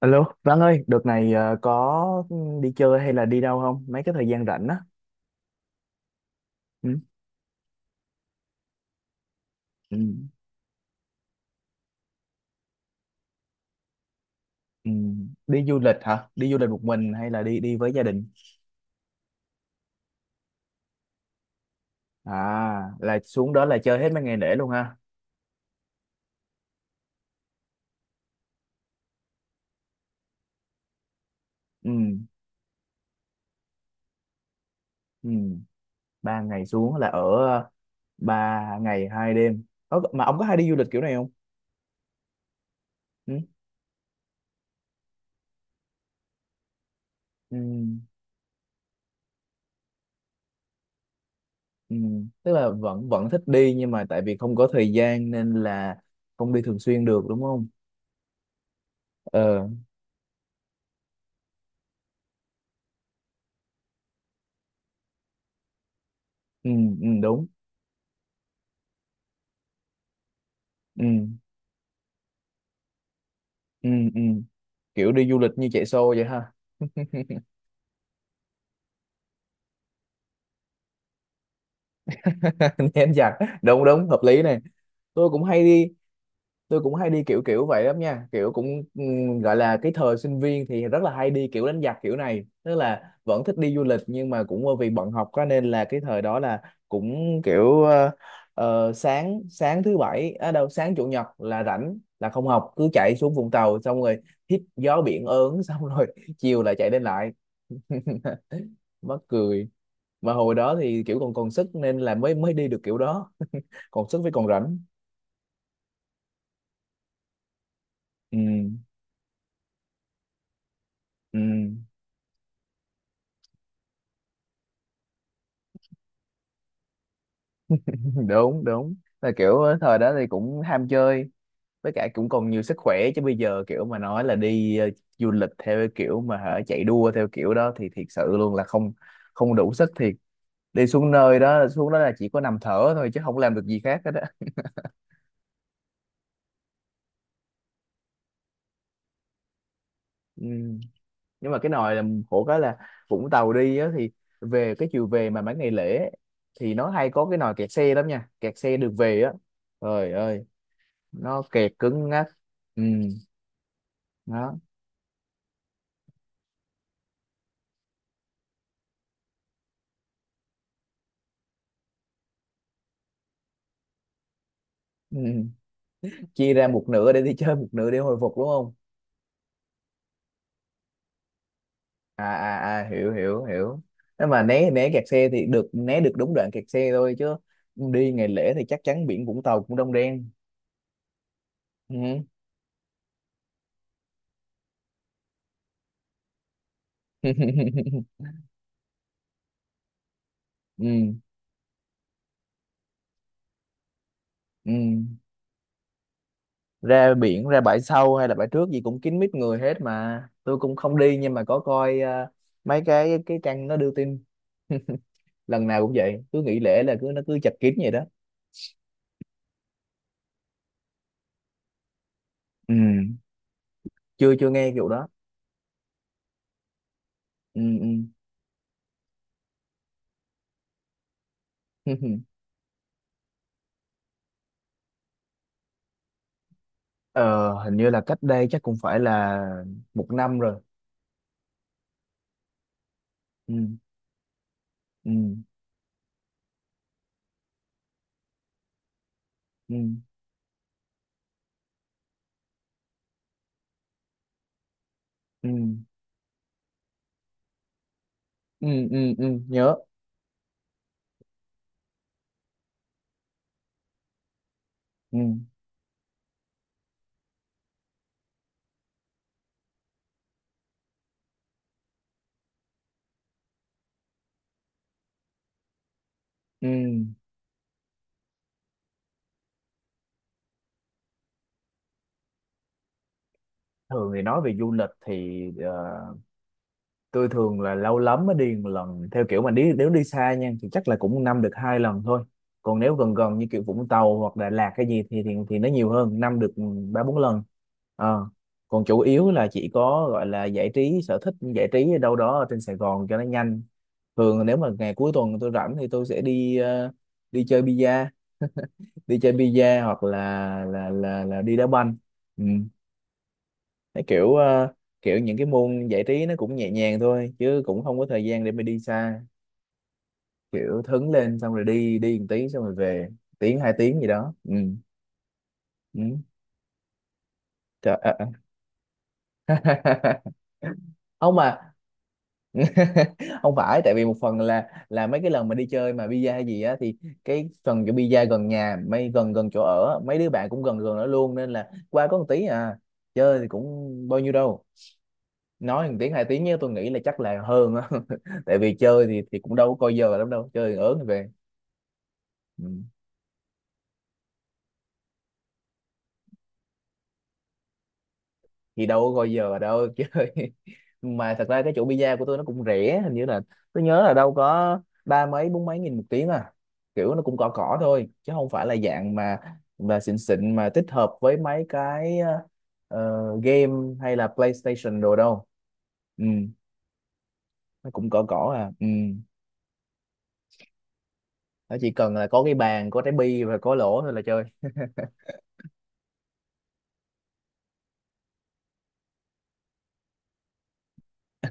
Alo, Văn ơi, đợt này có đi chơi hay là đi đâu không? Mấy cái thời gian rảnh á. Ừ. Ừ. Ừ. Đi du lịch hả? Đi du lịch một mình hay là đi đi với gia đình? À, là xuống đó là chơi hết mấy ngày lễ luôn ha. Ừ. Ừ. Ba ngày xuống là ở ờ, 3 ngày 2 đêm. Ơ, mà ông có hay đi du lịch kiểu này không? Ừ. Ừ. Ừ. Tức là vẫn vẫn thích đi nhưng mà tại vì không có thời gian nên là không đi thường xuyên được đúng không? Ờ. Ừ. Ừ. Đúng. Ừ. Ừ. Ừ. Kiểu đi du lịch như chạy xô vậy ha. Nén giặc, đúng đúng, hợp lý này. tôi cũng hay đi tôi cũng hay đi kiểu kiểu vậy lắm nha, kiểu cũng gọi là cái thời sinh viên thì rất là hay đi kiểu đánh giặc kiểu này, tức là vẫn thích đi du lịch nhưng mà cũng bởi vì bận học quá nên là cái thời đó là cũng kiểu sáng sáng thứ bảy, à đâu, sáng chủ nhật là rảnh là không học cứ chạy xuống Vũng Tàu xong rồi hít gió biển ớn xong rồi chiều lại chạy đến lại mắc cười. Mà hồi đó thì kiểu còn còn sức nên là mới mới đi được kiểu đó. Còn sức với còn rảnh. Ừ. Ừ. Đúng đúng, là kiểu thời đó thì cũng ham chơi, với cả cũng còn nhiều sức khỏe. Chứ bây giờ kiểu mà nói là đi du lịch theo cái kiểu mà hả, chạy đua theo kiểu đó thì thiệt sự luôn là không không đủ sức thiệt. Đi xuống nơi đó, xuống đó là chỉ có nằm thở thôi chứ không làm được gì khác hết á. Ừ. Nhưng mà cái nồi là khổ cái là Vũng Tàu đi á, thì về cái chiều về mà mấy ngày lễ ấy, thì nó hay có cái nồi kẹt xe lắm nha, kẹt xe được về á, trời ơi, nó kẹt cứng ngắc. Ừ. Đó. Ừ. Chia ra một nửa để đi chơi, một nửa để hồi phục đúng không? À à à, hiểu hiểu hiểu. Nếu mà né né kẹt xe thì được né được đúng đoạn kẹt xe thôi chứ. Đi ngày lễ thì chắc chắn biển Vũng Tàu cũng đông đen. Ừ. Ừ. Ừ. Ra biển, ra bãi sau hay là bãi trước gì cũng kín mít người hết. Mà tôi cũng không đi nhưng mà có coi mấy cái trang nó đưa tin, lần nào cũng vậy, cứ nghỉ lễ là cứ nó cứ chật kín vậy đó. Ừ. Chưa chưa nghe vụ đó. Ừ. Ừ. ờ hình như là cách đây chắc cũng phải là một năm rồi. Ừ. Ừ. Ừ. Ừ. Ừ. Ừ, ừ. Nhớ. Ừ. Ừ. Thường thì nói về du lịch thì tôi thường là lâu lắm mới đi một lần, theo kiểu mà đi nếu đi xa nha thì chắc là cũng năm được hai lần thôi. Còn nếu gần, gần như kiểu Vũng Tàu hoặc Đà Lạt cái gì thì thì nó nhiều hơn, năm được 3 4 lần. Ờ. Còn chủ yếu là chỉ có gọi là giải trí, sở thích giải trí ở đâu đó ở trên Sài Gòn cho nó nhanh. Thường nếu mà ngày cuối tuần tôi rảnh thì tôi sẽ đi chơi bida đi chơi bida hoặc là là đi đá banh. Ừ. Thấy kiểu kiểu những cái môn giải trí nó cũng nhẹ nhàng thôi chứ cũng không có thời gian để mà đi xa, kiểu thấn lên xong rồi đi đi một tí xong rồi về, tiếng hai tiếng gì đó. Ừ. Ừ. Trời. À. À. Không mà không phải, tại vì một phần là mấy cái lần mà đi chơi mà pizza hay gì á, thì cái phần chỗ pizza gần nhà, mấy gần gần chỗ ở á, mấy đứa bạn cũng gần gần đó luôn, nên là qua có một tí à, chơi thì cũng bao nhiêu đâu, nói một tiếng hai tiếng nhé, tôi nghĩ là chắc là hơn á. Tại vì chơi thì cũng đâu có coi giờ lắm đâu, chơi ớn về. Ừ. Thì đâu có coi giờ đâu, chơi. Mà thật ra cái chỗ pizza của tôi nó cũng rẻ, hình như là tôi nhớ là đâu có ba mấy bốn mấy nghìn một tiếng à, kiểu nó cũng cỏ cỏ thôi chứ không phải là dạng mà xịn xịn mà tích hợp với mấy cái game hay là PlayStation đồ đâu. Ừ. Nó cũng cỏ cỏ à. Ừ. Nó chỉ cần là có cái bàn, có trái bi và có lỗ thôi là chơi.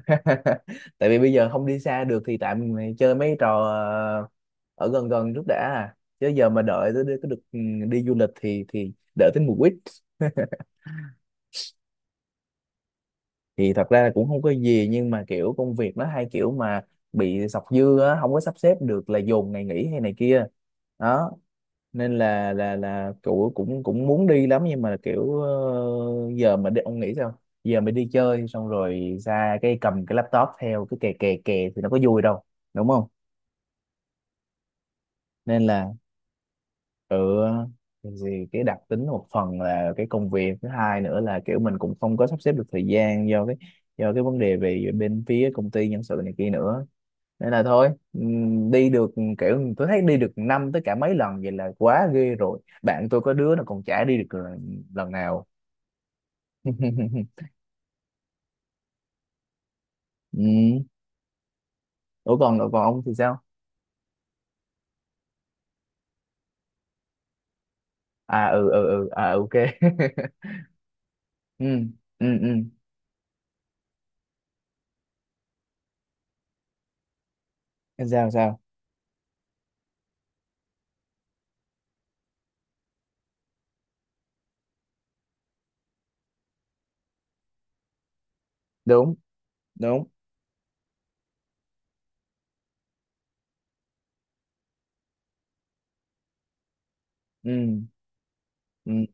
Tại vì bây giờ không đi xa được thì tạm mày chơi mấy trò ở gần gần trước đã à, chứ giờ mà đợi tới được ừ, đi du lịch thì đợi tới mùa quýt. Thì thật ra là cũng không có gì, nhưng mà kiểu công việc nó hay kiểu mà bị sọc dư á, không có sắp xếp được là dồn ngày nghỉ hay này kia. Đó. Nên là cậu cũng cũng muốn đi lắm, nhưng mà kiểu giờ mà đi ông nghĩ sao, giờ mà đi chơi xong rồi ra cái cầm cái laptop theo cái kè kè kè thì nó có vui đâu, đúng không? Nên là tự cái gì, cái đặc tính một phần là cái công việc, thứ hai nữa là kiểu mình cũng không có sắp xếp được thời gian do cái vấn đề về bên phía công ty nhân sự này kia nữa. Nên là thôi, đi được, kiểu tôi thấy đi được năm tới cả mấy lần vậy là quá ghê rồi, bạn tôi có đứa nó còn chả đi được lần lần nào. Ừ. Ủa, còn còn ông thì sao? À, ừ ừ ừ, à, ok. Ừ. Ừ. Ừ. Sao sao? Đúng đúng. Ừ. Ừ.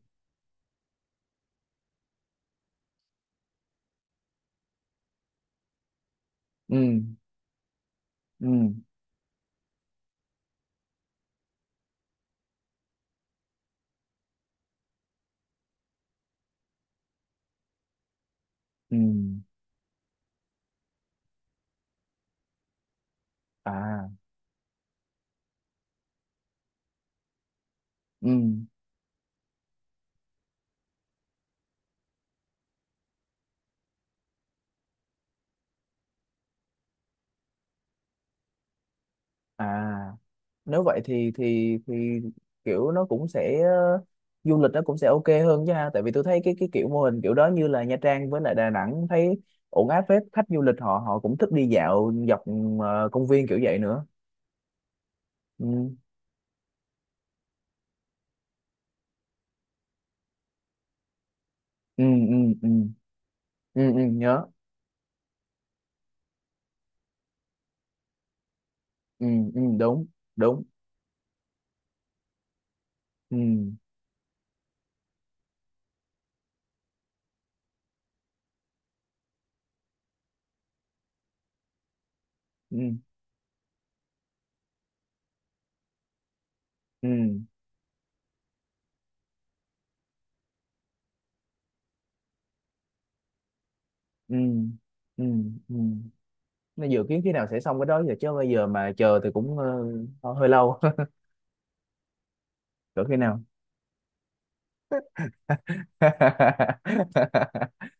Ừ. Ừ. Ừ. À. Ừ. À, nếu vậy thì kiểu nó cũng sẽ du lịch nó cũng sẽ ok hơn chứ ha. Tại vì tôi thấy cái kiểu mô hình kiểu đó như là Nha Trang với lại Đà Nẵng, thấy ổn áp phết, khách du lịch họ họ cũng thích đi dạo dọc công viên kiểu vậy nữa. Ừ. Ừ. Ừ. Ừ. Ừ, ừ. Nhớ. Ừ. Ừ. Đúng đúng. Ừ. Ừ. Ừ. Ừ. Ừ. Ừ. Nó dự kiến khi nào sẽ xong cái đó giờ, chứ bây giờ mà chờ thì cũng hơi lâu. Cỡ khi nào?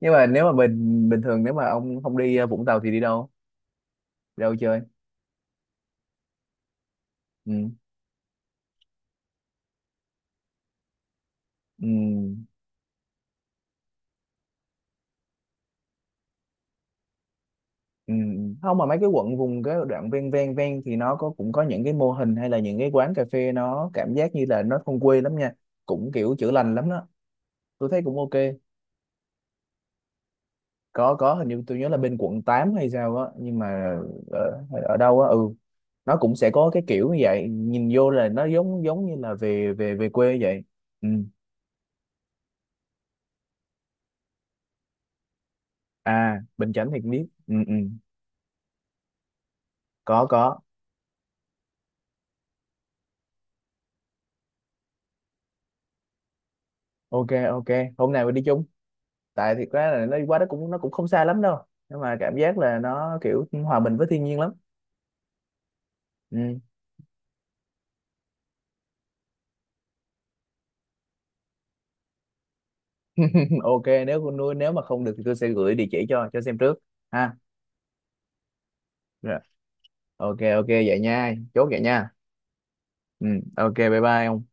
Nhưng mà nếu mà bình bình thường, nếu mà ông không đi Vũng Tàu thì đi đâu, đi đâu chơi? Ừ. Ừ. Ừ. Không mà mấy cái quận vùng cái đoạn ven ven ven thì nó có, cũng có những cái mô hình hay là những cái quán cà phê, nó cảm giác như là nó thôn quê lắm nha, cũng kiểu chữa lành lắm đó, tôi thấy cũng ok. Có, hình như tôi nhớ là bên quận 8 hay sao á, nhưng mà ở đâu á. Ừ. Nó cũng sẽ có cái kiểu như vậy, nhìn vô là nó giống giống như là về về về quê vậy. Ừ. À, Bình Chánh thì biết. Ừ, ừ. Có có. Ok ok, hôm nào mình đi chung. Tại thiệt ra là nó đi qua đó cũng, nó cũng không xa lắm đâu, nhưng mà cảm giác là nó kiểu hòa mình với thiên nhiên lắm. Ừ. Ok, nếu con nuôi, nếu mà không được thì tôi sẽ gửi địa chỉ cho xem trước ha. Rồi. Ok ok, vậy nha, chốt vậy nha. Ừ. Ok, bye bye ông.